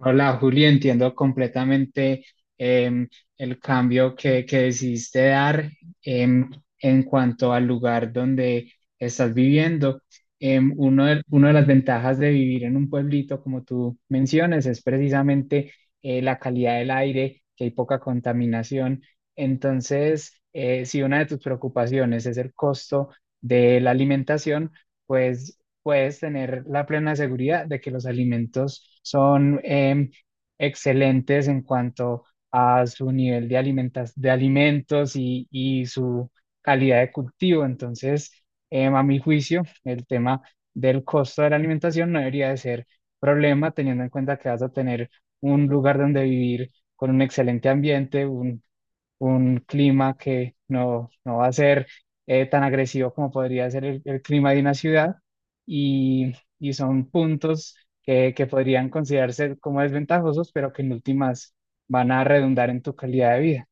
Hola, Julio, entiendo completamente em, el cambio que decidiste dar em, en cuanto al lugar donde estás viviendo. Una de las ventajas de vivir en un pueblito, como tú mencionas, es precisamente la calidad del aire, que hay poca contaminación. Entonces, si una de tus preocupaciones es el costo de la alimentación, pues puedes tener la plena seguridad de que los alimentos son excelentes en cuanto a su nivel de de alimentos y su calidad de cultivo. Entonces, a mi juicio, el tema del costo de la alimentación no debería de ser problema, teniendo en cuenta que vas a tener un lugar donde vivir con un excelente ambiente, un clima que no va a ser tan agresivo como podría ser el clima de una ciudad y, y son puntos que podrían considerarse como desventajosos, pero que en últimas van a redundar en tu calidad de vida.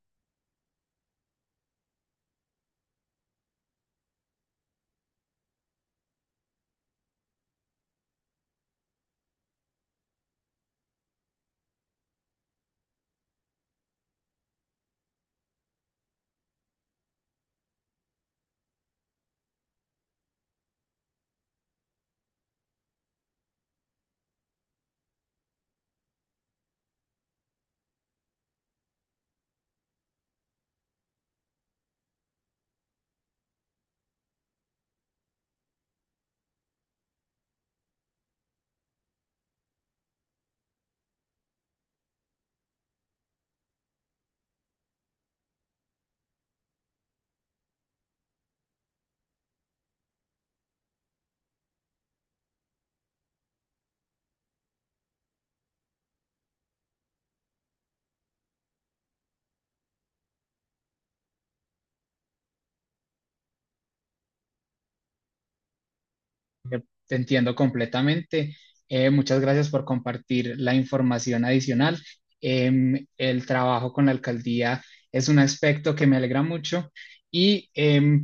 Eh, Te entiendo completamente. Muchas gracias por compartir la información adicional. El trabajo con la alcaldía es un aspecto que me alegra mucho y em,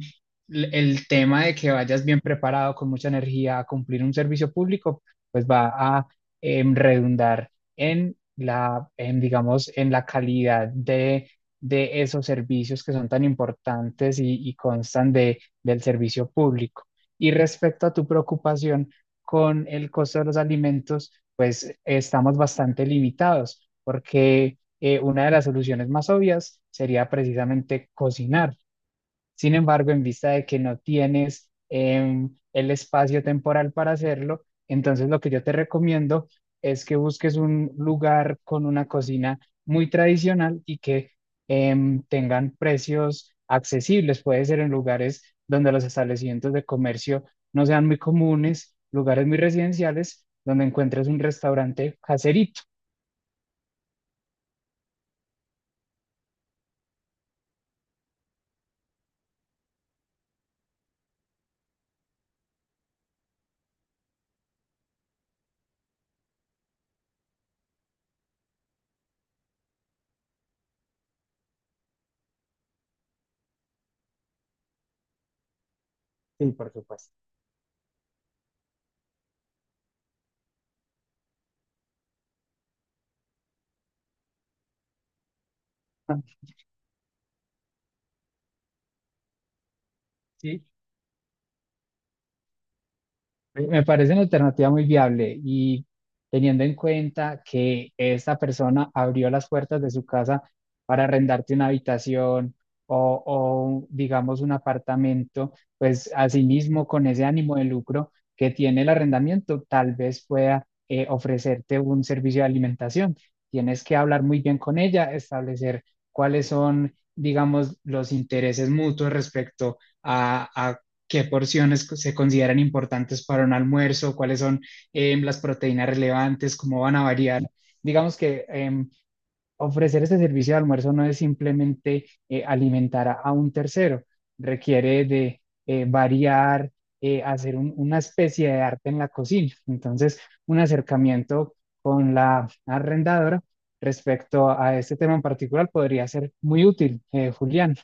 l- el tema de que vayas bien preparado, con mucha energía a cumplir un servicio público, pues va a redundar en la, digamos, en la calidad de esos servicios que son tan importantes y constan del servicio público. Y respecto a tu preocupación con el costo de los alimentos, pues estamos bastante limitados porque una de las soluciones más obvias sería precisamente cocinar. Sin embargo, en vista de que no tienes el espacio temporal para hacerlo, entonces lo que yo te recomiendo es que busques un lugar con una cocina muy tradicional y que tengan precios accesibles. Puede ser en lugares donde los establecimientos de comercio no sean muy comunes, lugares muy residenciales, donde encuentres un restaurante caserito. Sí, por supuesto. ¿Sí? Me parece una alternativa muy viable y teniendo en cuenta que esta persona abrió las puertas de su casa para arrendarte una habitación o, digamos, un apartamento, pues asimismo con ese ánimo de lucro que tiene el arrendamiento, tal vez pueda ofrecerte un servicio de alimentación. Tienes que hablar muy bien con ella, establecer cuáles son, digamos, los intereses mutuos respecto a qué porciones se consideran importantes para un almuerzo, cuáles son las proteínas relevantes, cómo van a variar. Digamos que ofrecer este servicio de almuerzo no es simplemente alimentar a un tercero, requiere de variar, hacer una especie de arte en la cocina. Entonces, un acercamiento con la arrendadora respecto a este tema en particular podría ser muy útil, Julián.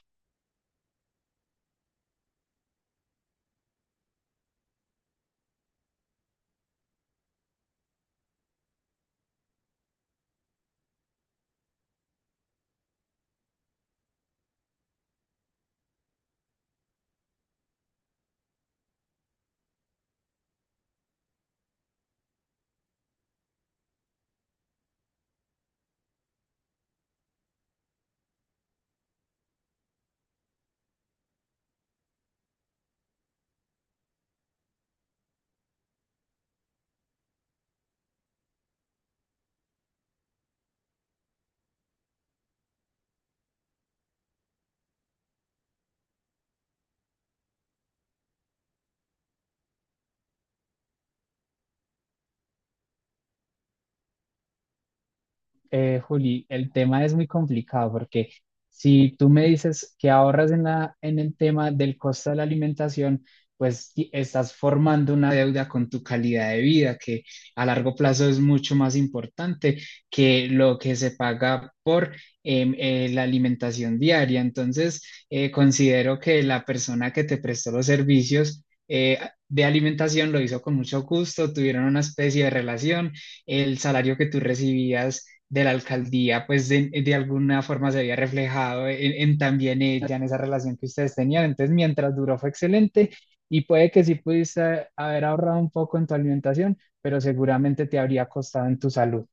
Juli, el tema es muy complicado porque si tú me dices que ahorras en en el tema del costo de la alimentación, pues estás formando una deuda con tu calidad de vida, que a largo plazo es mucho más importante que lo que se paga por la alimentación diaria. Entonces, considero que la persona que te prestó los servicios eh, de alimentación lo hizo con mucho gusto, tuvieron una especie de relación, el salario que tú recibías de la alcaldía, pues de alguna forma se había reflejado en, también ella, en esa relación que ustedes tenían. Entonces, mientras duró fue excelente y puede que sí pudiste haber ahorrado un poco en tu alimentación, pero seguramente te habría costado en tu salud.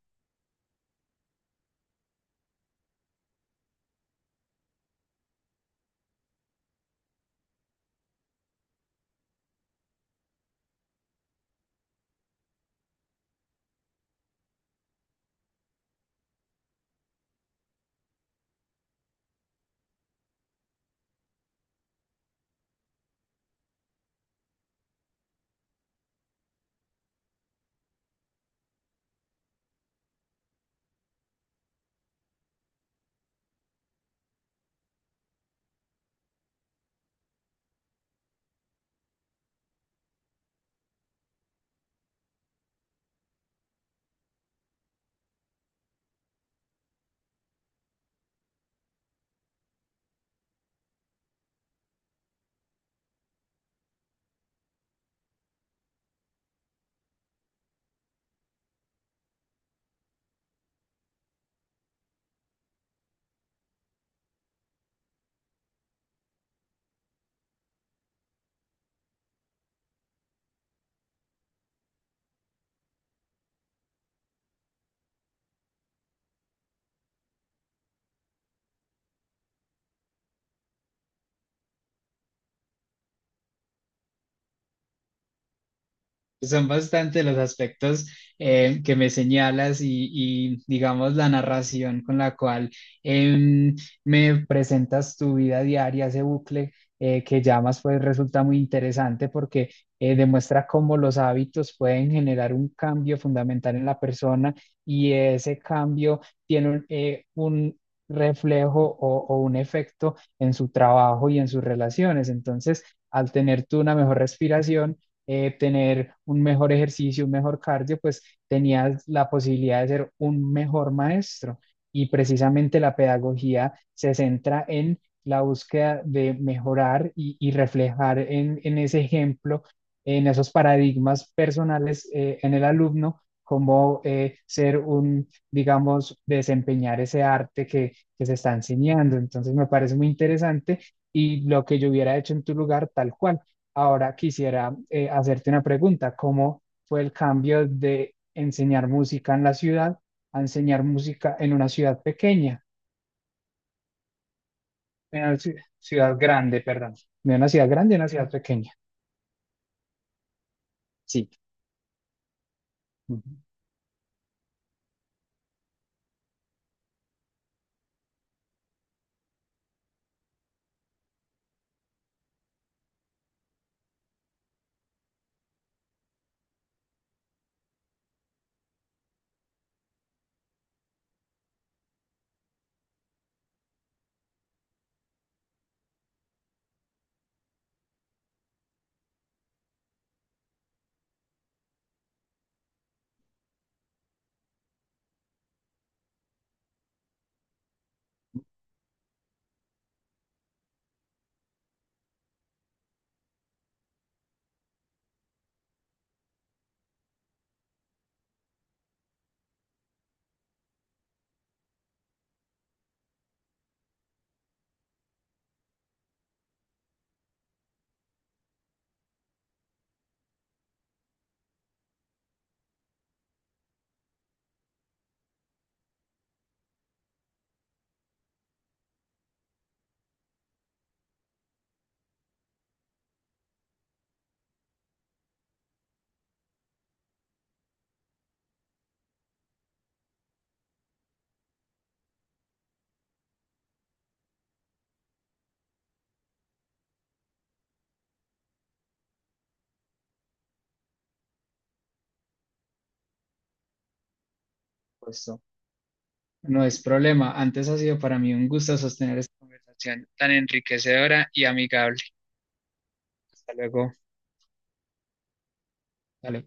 Son bastante los aspectos que me señalas y, digamos, la narración con la cual em, me presentas tu vida diaria, ese bucle que llamas, pues resulta muy interesante porque demuestra cómo los hábitos pueden generar un cambio fundamental en la persona y ese cambio tiene un reflejo o un efecto en su trabajo y en sus relaciones. Entonces, al tener tú una mejor respiración, tener un mejor ejercicio, un mejor cardio, pues tenías la posibilidad de ser un mejor maestro. Y precisamente la pedagogía se centra en la búsqueda de mejorar y reflejar en ese ejemplo, en esos paradigmas personales, en el alumno, cómo ser un, digamos, desempeñar ese arte que se está enseñando. Entonces me parece muy interesante, y lo que yo hubiera hecho en tu lugar, tal cual. Ahora quisiera hacerte una pregunta. ¿Cómo fue el cambio de enseñar música en la ciudad a enseñar música en una ciudad pequeña? En una ciudad grande, perdón. De una ciudad grande a una ciudad pequeña. Sí. Ujú. Pues no es problema. Antes ha sido para mí un gusto sostener esta conversación tan enriquecedora y amigable. Hasta luego. Dale.